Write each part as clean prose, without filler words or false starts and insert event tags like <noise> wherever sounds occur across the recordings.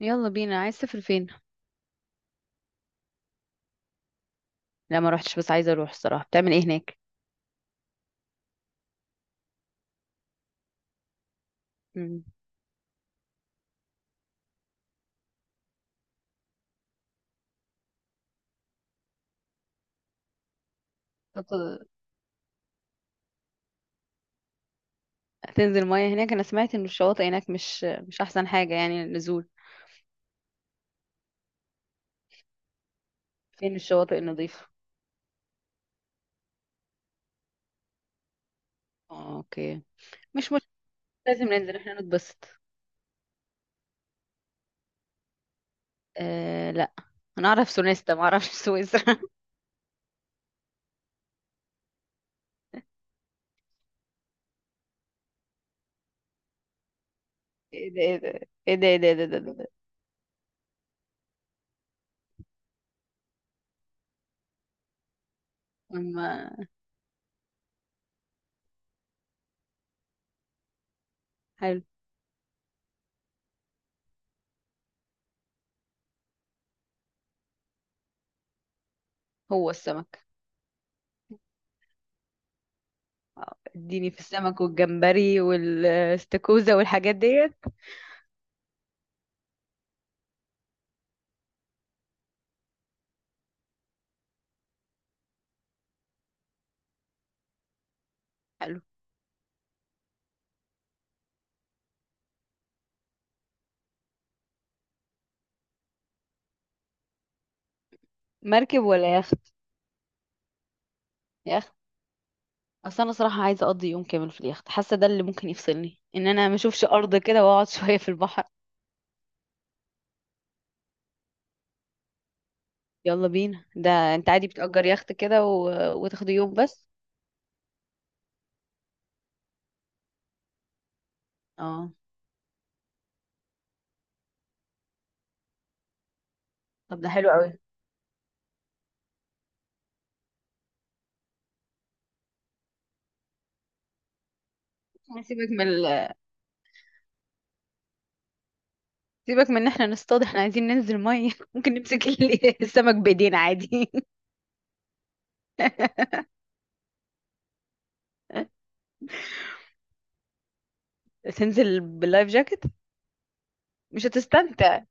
يلا بينا، عايز تسافر فين؟ لا ما روحتش بس عايزه اروح الصراحه. بتعمل ايه هناك؟ مم. طب تنزل ميه هناك؟ انا سمعت ان الشواطئ هناك مش احسن حاجه يعني للنزول. فين الشواطئ النظيفه؟ آه، اوكي. مش لازم ننزل احنا نتبسط. آه لا، انا اعرف سونيستا ما اعرفش سويسرا. <laughs> ايه ده ايه ده ايه ده ايه ده, إيه ده, إيه ده. أما حلو. هو السمك، اديني في السمك والجمبري والاستاكوزا والحاجات ديت. حلو. مركب ولا يخت؟ يخت. اصل انا صراحه عايزه اقضي يوم كامل في اليخت، حاسه ده اللي ممكن يفصلني، ان انا ما اشوفش ارض كده واقعد <laughs> شويه في البحر. يلا بينا ده. انت عادي بتأجر يخت كده و... وتاخده يوم بس؟ اه. طب ده حلو قوي. سيبك من ال... سيبك من ان احنا نصطاد، احنا عايزين ننزل ميه <laughs> ممكن نمسك ال- السمك بايدينا عادي. <laughs> تنزل باللايف جاكيت؟ مش هتستمتع،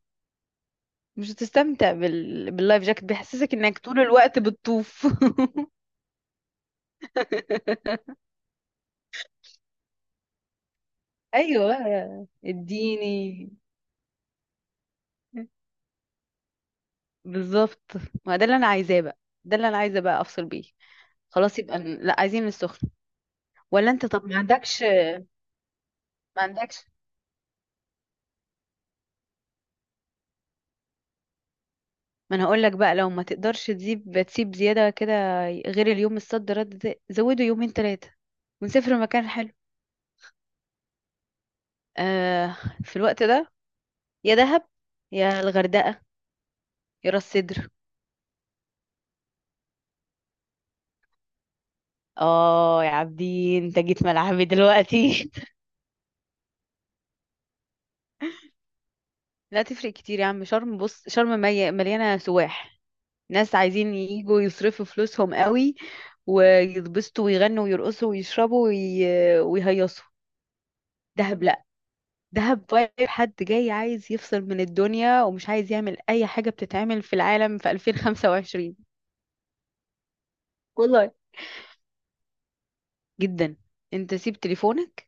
مش هتستمتع بال... باللايف جاكيت بيحسسك انك طول الوقت بتطوف. <laughs> ايوه بقى، اديني. بالظبط، ما ده اللي انا عايزاه بقى. ده اللي انا عايزه بقى افصل بيه. خلاص يبقى ن- لا، عايزين السخن. ولا انت طب ما عندكش؟ ما عندكش ما انا هقول لك بقى، لو ما تقدرش تسيب زياده كده. غير اليوم الصد رد ده زوده يومين ثلاثه. ونسافر مكان حلو. آه، في الوقت ده، يا دهب يا الغردقه يا راس سدر. اه يا عابدين، انت جيت ملعبي دلوقتي. <laughs> لا تفرق كتير يا عم. شرم بص، شرم مي- مليانه سواح، ناس عايزين يجوا يصرفوا فلوسهم قوي ويتبسطوا ويغنوا ويرقصوا ويشربوا وي... ويهيصوا. دهب لا، دهب فايب حد جاي عايز يفصل من الدنيا ومش عايز يعمل اي حاجة بتتعمل في العالم في 2025. والله جدا. انت سيب تليفونك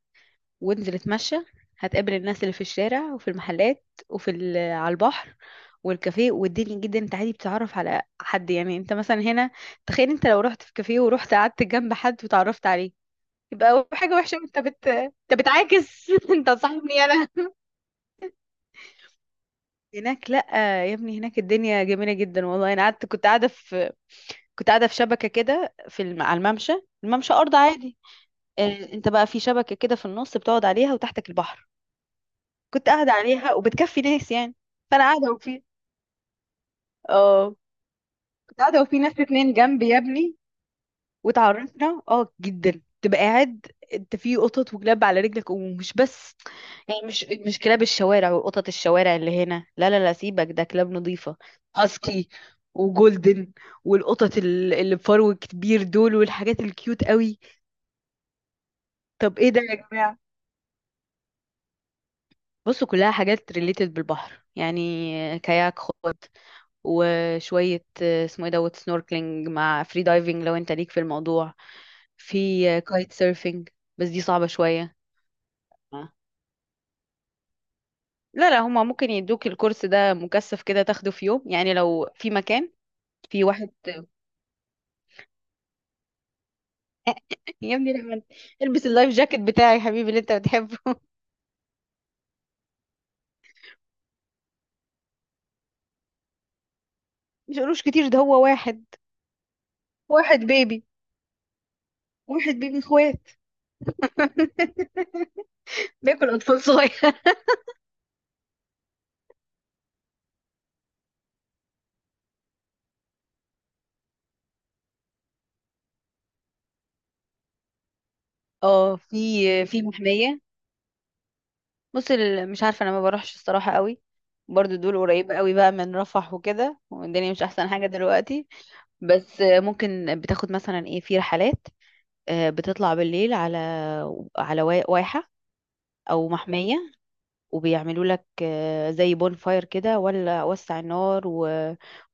وانزل اتمشى، هتقابل الناس اللي في الشارع وفي المحلات وفي ال- على البحر والكافيه. والدنيا جدا انت عادي بتتعرف على حد. يعني انت مثلا هنا، تخيل انت لو رحت في كافيه ورحت قعدت جنب حد وتعرفت عليه، يبقى حاجة وحشة. انت بت انت بتعاكس <laughs> انت صاحبني انا؟ هناك لا، يا ابني هناك الدنيا جميلة جدا والله. انا قعدت، كنت قاعدة في شبكة كده في الم... على الممشى. الممشى ارض عادي. آه، انت بقى في شبكة كده في النص بتقعد عليها وتحتك البحر. كنت قاعدة عليها وبتكفي ناس يعني. فانا قاعدة وفي، اه كنت قاعدة وفي ناس اتنين جنبي يا ابني وتعرفنا. اه جدا، تبقى قاعد انت في قطط وكلاب على رجلك، ومش بس يعني، مش كلاب الشوارع وقطط الشوارع اللي هنا، لا لا لا سيبك، ده كلاب نظيفة. هاسكي وجولدن، والقطط ال- اللي بفرو كبير دول، والحاجات الكيوت قوي. طب ايه ده يا جماعة؟ بصوا كلها حاجات ريليتد بالبحر، يعني كاياك خد وشوية اسمه ايه دوت سنوركلينج مع فري دايفنج لو انت ليك في الموضوع. في كايت سيرفينج بس دي صعبة شوية. آه. لا لا، هما ممكن يدوك الكورس ده مكثف كده، تاخده في يوم يعني لو في مكان. في واحد يا ابني، لا، ما انت- البس اللايف جاكيت بتاعي يا حبيبي اللي انت بتحبه. <laughs> مش قروش كتير، ده هو واحد. واحد بيبي. واحد بيبي اخوات. <laughs> بياكل اطفال صغير. <laughs> اه، في، في محمية. بص ال- مش عارفة، انا ما بروحش الصراحة قوي. برضو دول قريبة قوي بقى من رفح وكده، والدنيا مش احسن حاجة دلوقتي. بس ممكن بتاخد مثلا ايه، في رحلات بتطلع بالليل على، واحة او محمية. وبيعملوا لك زي بون فاير كده، ولا وسع النار و...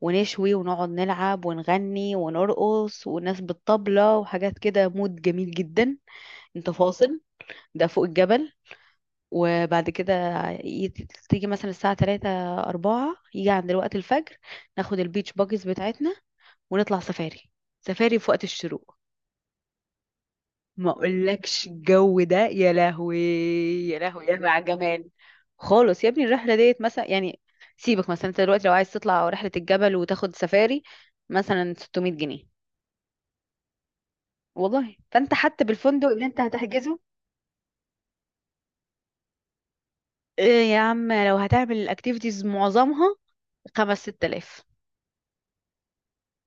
ونشوي ونقعد نلعب ونغني ونرقص والناس بالطبلة وحاجات كده، مود جميل جدا. انت فاصل. ده فوق الجبل، وبعد كده يت- تيجي مثلا الساعة 3، 4، يجي عند وقت الفجر ناخد البيتش باجز بتاعتنا ونطلع سفاري، سفاري في وقت الشروق. ما اقولكش الجو ده. يا لهوي، يا لهوي، يا لهوي على الجمال. خالص يا ابني. الرحله ديت مثلا يعني سيبك، مثلا انت دلوقتي لو عايز تطلع رحله الجبل وتاخد سفاري، مثلا 600 جنيه والله. فانت حتى بالفندق اللي انت هتحجزه، إيه يا عم، لو هتعمل الاكتيفيتيز معظمها، خمس ست آلاف.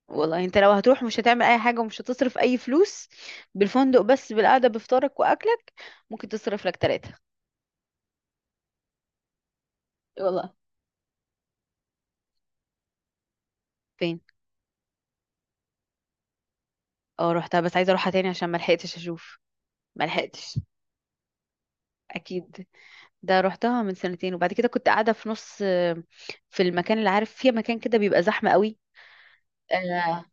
والله انت لو هتروح مش هتعمل اي حاجه ومش هتصرف اي فلوس، بالفندق بس بالقعده بفطارك واكلك، ممكن تصرف لك تلاتة. والله. فين؟ اه رحتها بس عايزه اروحها تاني عشان ما لحقتش اشوف. ما لحقتش. اكيد. ده روحتها من سنتين، وبعد كده كنت قاعده في نص، في المكان اللي عارف فيه، مكان كده بيبقى زحمه قوي. آه.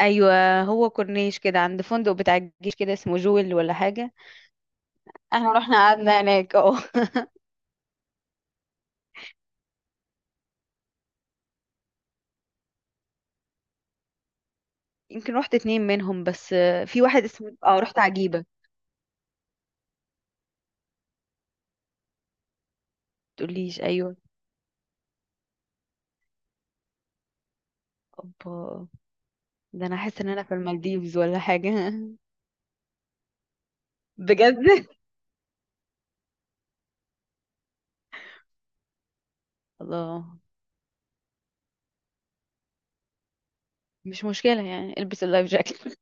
ايوه هو كورنيش كده، عند فندق بتاع الجيش كده اسمه جويل ولا حاجه. احنا رحنا قعدنا هناك اه. <laughs> يمكن رحت اتنين منهم بس، في واحد اسمه اه، رحت عجيبه. تقوليش؟ ايوه. اوبا. ده انا حاسه ان انا في المالديفز ولا حاجه. <laughs> بجد. الله. مش مشكله يعني، البس اللايف جاكيت.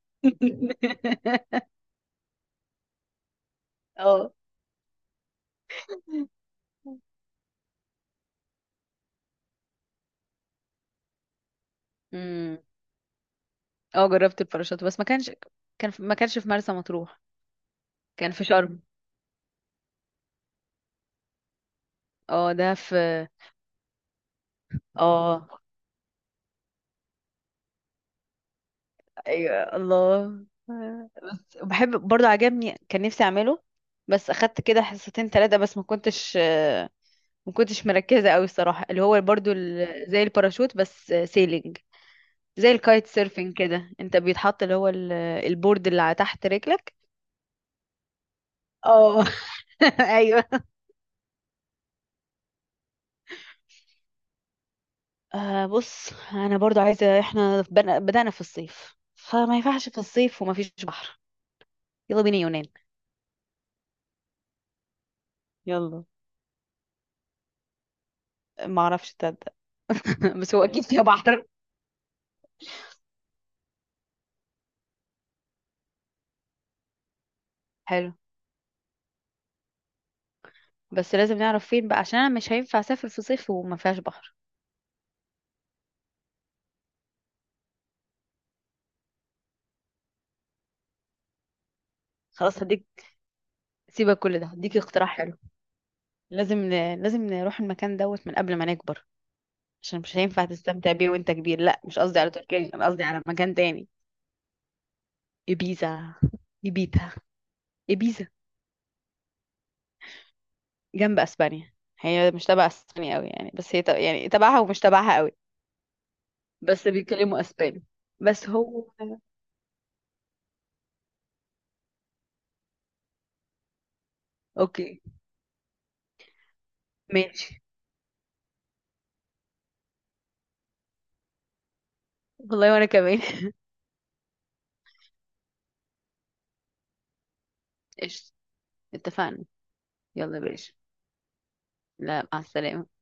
<laughs> اه. اه جربت الباراشوت بس ما كانش، كان في... ما كانش في مرسى مطروح. كان في شرم. اه ده في. اه ايوه الله. بحب برضو، عجبني، كان نفسي اعمله. بس اخدت كده حصتين ثلاثة بس ما كنتش ما كنتش مركزة قوي الصراحة. اللي هو برضو ال- زي الباراشوت بس سيلينج، زي الكايت سيرفينج كده، انت بيتحط اللي هو ال- البورد اللي على تحت رجلك. اه. <laughs> ايوه. آه بص، انا برضو عايزه احنا بن- بدأنا في الصيف فما ينفعش في الصيف وما فيش بحر. يلا بينا يونان. <laughs> يلا. ما اعرفش، تصدق. <laughs> بس هو اكيد فيها بحر. حلو، بس لازم نعرف فين بقى، عشان انا مش هينفع اسافر في صيف وما فيهاش بحر. خلاص هديك. سيبك كل ده، هديك اقتراح حلو. لازم ن... لازم نروح المكان دوت من قبل ما نكبر، عشان مش هينفع تستمتع بيه وانت كبير. لا مش قصدي على تركيا، انا قصدي على مكان تاني. ابيزا. ابيتا. ابيزا. جنب اسبانيا. هي مش تبع اسبانيا قوي يعني، بس هي تب... يعني تبعها ومش تبعها قوي. بس بيتكلموا اسباني. بس هو، اوكي، ماشي. والله وانا كمان. <laughs> قشطة. اتفقنا. يلا يا باشا. لا، مع السلامة.